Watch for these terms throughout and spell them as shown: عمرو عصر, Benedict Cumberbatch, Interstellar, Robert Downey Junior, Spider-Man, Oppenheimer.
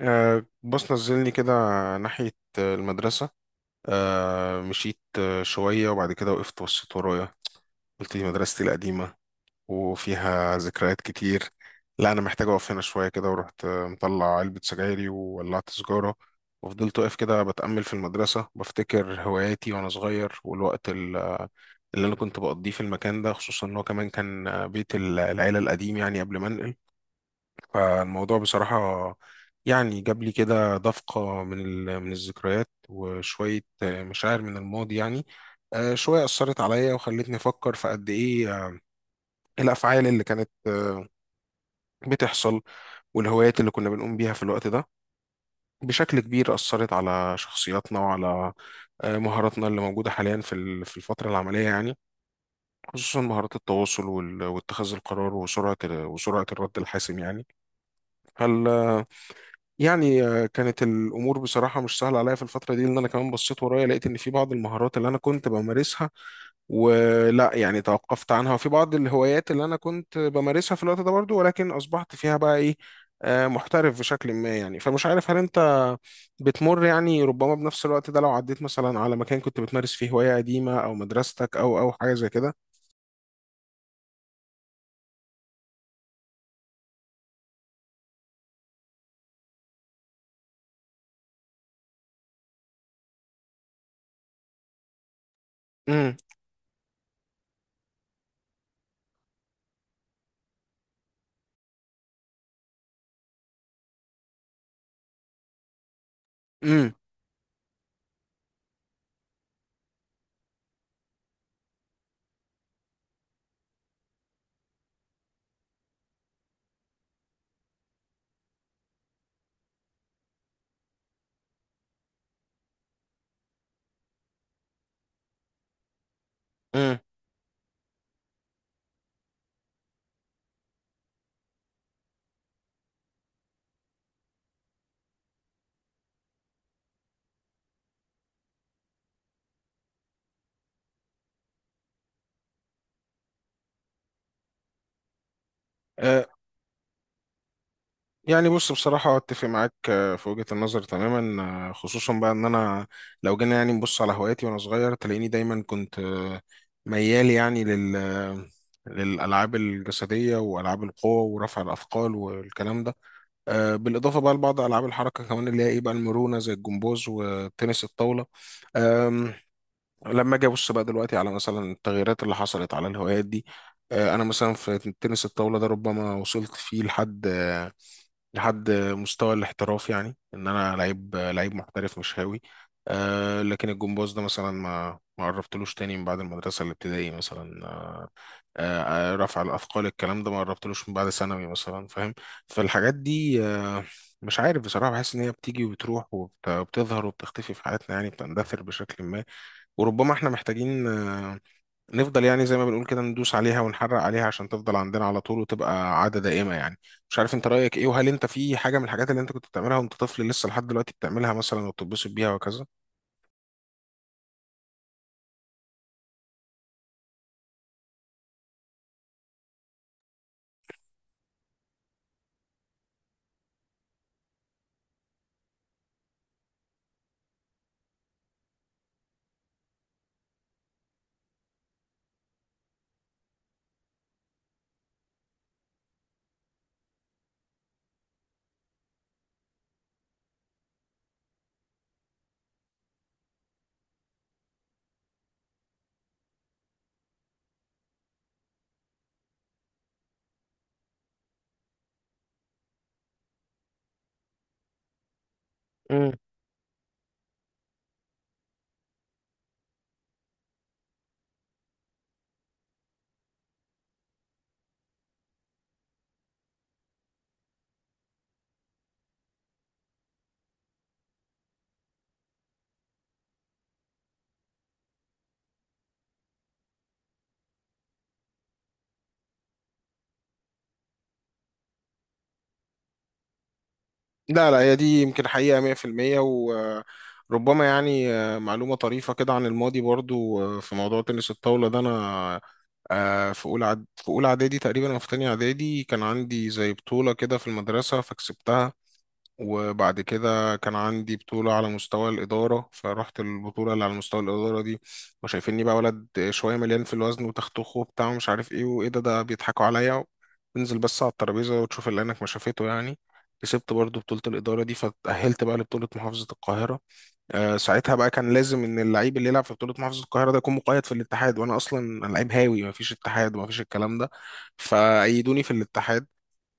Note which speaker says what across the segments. Speaker 1: بص نزلني كده ناحية المدرسة. مشيت شوية وبعد كده وقفت بصيت ورايا، قلت دي مدرستي القديمة وفيها ذكريات كتير. لا أنا محتاج أقف هنا شوية كده، ورحت مطلع علبة سجايري وولعت سجارة. وفضلت واقف كده بتأمل في المدرسة، بفتكر هواياتي وأنا صغير والوقت اللي أنا كنت بقضيه في المكان ده، خصوصا إن هو كمان كان بيت العيلة القديم، يعني قبل ما أنقل. فالموضوع بصراحة يعني جاب لي كده دفقة من الذكريات وشوية مشاعر من الماضي، يعني شوية أثرت عليا وخلتني أفكر في قد إيه الأفعال اللي كانت بتحصل، والهوايات اللي كنا بنقوم بيها في الوقت ده بشكل كبير أثرت على شخصياتنا وعلى مهاراتنا اللي موجودة حاليا في الفترة العملية، يعني خصوصا مهارات التواصل واتخاذ القرار وسرعة الرد الحاسم يعني. هل يعني كانت الامور بصراحه مش سهله عليا في الفتره دي، لان انا كمان بصيت ورايا لقيت ان في بعض المهارات اللي انا كنت بمارسها ولا يعني توقفت عنها، وفي بعض الهوايات اللي انا كنت بمارسها في الوقت ده برضو، ولكن اصبحت فيها بقى ايه، محترف بشكل ما يعني. فمش عارف هل انت بتمر يعني ربما بنفس الوقت ده، لو عديت مثلا على مكان كنت بتمارس فيه هواية قديمة او مدرستك او حاجة زي كده. امم. امم. يعني بص بصراحة أتفق معاك في وجهة النظر تماما. خصوصا بقى إن أنا لو جينا يعني نبص على هواياتي وأنا صغير تلاقيني دايما كنت ميال يعني لل آه، للألعاب الجسدية وألعاب القوة ورفع الأثقال والكلام ده. بالإضافة بقى لبعض ألعاب الحركة كمان اللي هي إيه بقى المرونة، زي الجمباز وتنس الطاولة. آم، لما أجي أبص بقى دلوقتي على مثلا التغييرات اللي حصلت على الهوايات دي، أنا مثلا في تنس الطاولة ده ربما وصلت فيه لحد لحد مستوى الاحتراف، يعني ان انا لعيب محترف مش هاوي. أه لكن الجمباز ده مثلا ما قربتلوش تاني من بعد المدرسة الابتدائي مثلا. أه آه، رفع الأثقال الكلام ده ما قربتلوش من بعد ثانوي مثلا، فاهم. فالحاجات دي مش عارف بصراحة، بحس إن هي بتيجي وبتروح وبتظهر وبتختفي في حياتنا، يعني بتندثر بشكل ما. وربما إحنا محتاجين نفضل يعني زي ما بنقول كده ندوس عليها ونحرق عليها عشان تفضل عندنا على طول وتبقى عادة دائمة يعني. مش عارف انت رأيك ايه، وهل انت في حاجة من الحاجات اللي انت كنت بتعملها وانت طفل لسه لحد دلوقتي بتعملها مثلا وبتتبسط بيها وكذا؟ مم. لا لا، هي دي يمكن حقيقة 100%. وربما يعني معلومة طريفة كده عن الماضي، برضو في موضوع تنس الطاولة ده أنا في أولى إعدادي تقريبا أو في تانية إعدادي كان عندي زي بطولة كده في المدرسة فكسبتها. وبعد كده كان عندي بطولة على مستوى الإدارة، فرحت البطولة اللي على مستوى الإدارة دي وشايفيني بقى ولد شوية مليان في الوزن وتختخه وبتاع ومش عارف إيه وإيه ده، ده بيضحكوا عليا. انزل بس على الترابيزة وتشوف اللي عينك ما شافته يعني. كسبت برضو بطولة الإدارة دي فتأهلت بقى لبطولة محافظة القاهرة. أه ساعتها بقى كان لازم إن اللعيب اللي يلعب في بطولة محافظة القاهرة ده يكون مقيد في الاتحاد، وأنا أصلا لعيب هاوي مفيش اتحاد ومفيش الكلام ده. فأيدوني في الاتحاد.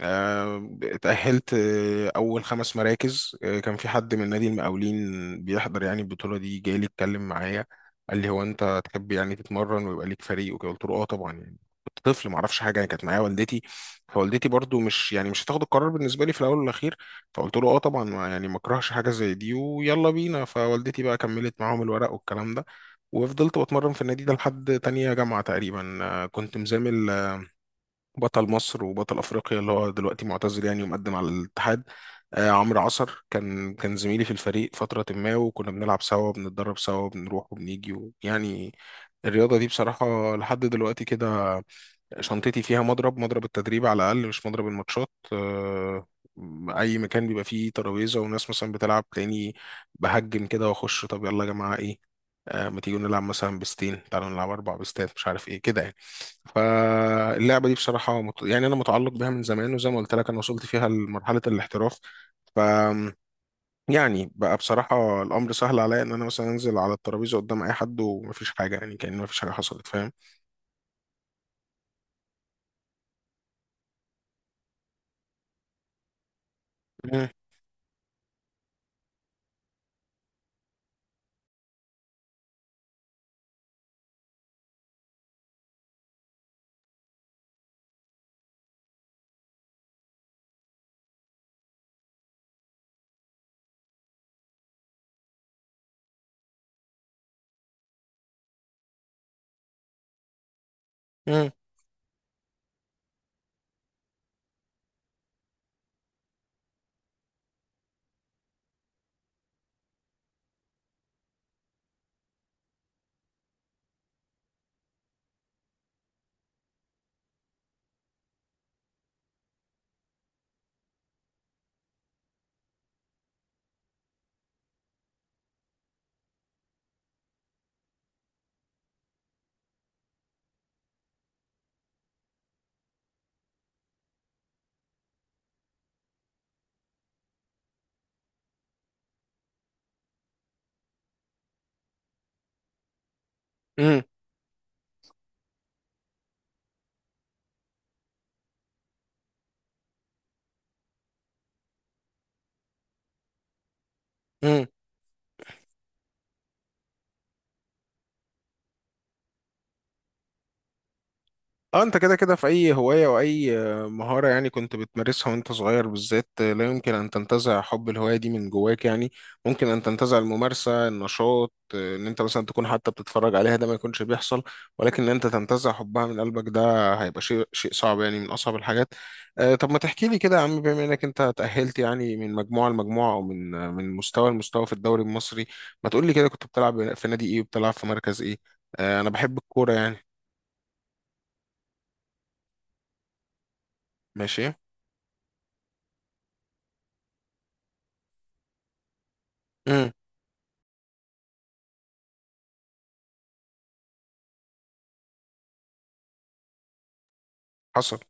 Speaker 1: اتأهلت أول 5 مراكز. كان في حد من نادي المقاولين بيحضر يعني البطولة دي، جاي لي اتكلم معايا قال لي هو أنت تحب يعني تتمرن ويبقى ليك فريق وكده. قلت له أه طبعا يعني كنت طفل ما اعرفش حاجه، يعني كانت معايا والدتي فوالدتي برضو مش يعني مش هتاخد القرار بالنسبه لي في الاول والاخير. فقلت له اه طبعا ما يعني ما اكرهش حاجه زي دي ويلا بينا، فوالدتي بقى كملت معاهم الورق والكلام ده. وفضلت بتمرن في النادي ده لحد تانية جامعه تقريبا. كنت مزامل بطل مصر وبطل افريقيا اللي هو دلوقتي معتزل، يعني ومقدم على الاتحاد. آه عمرو عصر كان زميلي في الفريق فترة ما، وكنا بنلعب سوا بنتدرب سوا بنروح وبنيجي يعني الرياضة دي بصراحة لحد دلوقتي كده شنطتي فيها مضرب، مضرب التدريب على الأقل مش مضرب الماتشات. أي مكان بيبقى فيه ترابيزة وناس مثلا بتلعب تلاقيني بهجم كده وأخش طب يلا يا جماعة إيه. ما تيجوا نلعب مثلا بستين، تعالوا نلعب 4 بستات مش عارف إيه كده يعني. فاللعبة دي بصراحة يعني أنا متعلق بيها من زمان، وزي ما قلت لك أنا وصلت فيها لمرحلة الاحتراف. ف يعني بقى بصراحة الأمر سهل عليا إن أنا مثلا أنزل على الترابيزة قدام أي حد ومفيش حاجة، يعني كأن مفيش حاجة حصلت، فاهم. مم، مم، مم، اه انت كده كده في اي هواية واي مهارة يعني كنت بتمارسها وانت صغير بالذات، لا يمكن ان تنتزع حب الهواية دي من جواك يعني. ممكن ان تنتزع الممارسة النشاط، ان انت مثلا تكون حتى بتتفرج عليها ده ما يكونش بيحصل، ولكن ان انت تنتزع حبها من قلبك ده هيبقى شيء صعب، يعني من اصعب الحاجات. طب ما تحكي لي كده يا عم، بما انك انت تأهلت يعني من مجموعة لمجموعة او من مستوى لمستوى في الدوري المصري. ما تقول لي كده كنت بتلعب في نادي ايه وبتلعب في مركز ايه. انا بحب الكورة يعني. ماشي. حصل.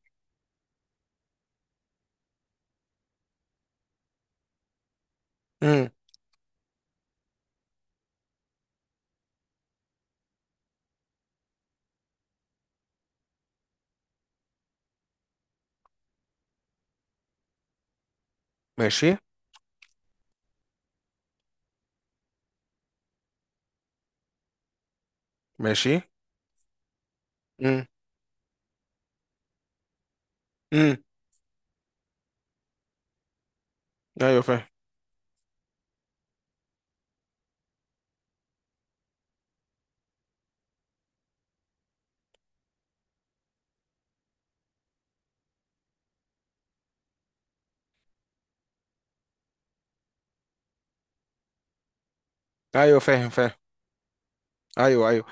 Speaker 1: امم. ماشي. ماشي. امم. امم. ايوه فاهم. ايوه فاهم فاهم. ايوه ايوه.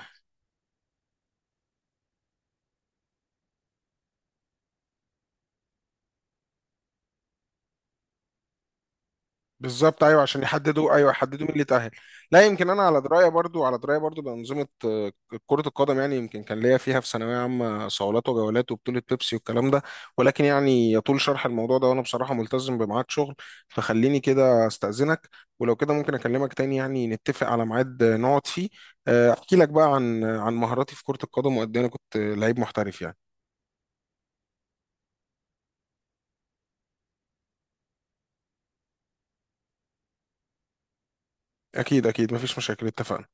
Speaker 1: بالظبط ايوه عشان يحددوا، ايوه يحددوا مين اللي تأهل. لا يمكن، انا على درايه برضو، على درايه برضو بانظمه كره القدم، يعني يمكن كان ليا فيها في ثانويه عامه صولات وجولات وبطوله بيبسي والكلام ده. ولكن يعني يطول شرح الموضوع ده، وانا بصراحه ملتزم بميعاد شغل فخليني كده استاذنك. ولو كده ممكن اكلمك تاني يعني نتفق على ميعاد نقعد فيه، احكي لك بقى عن مهاراتي في كره القدم وقد ايه انا كنت لعيب محترف يعني. اكيد اكيد مفيش مشاكل اتفقنا.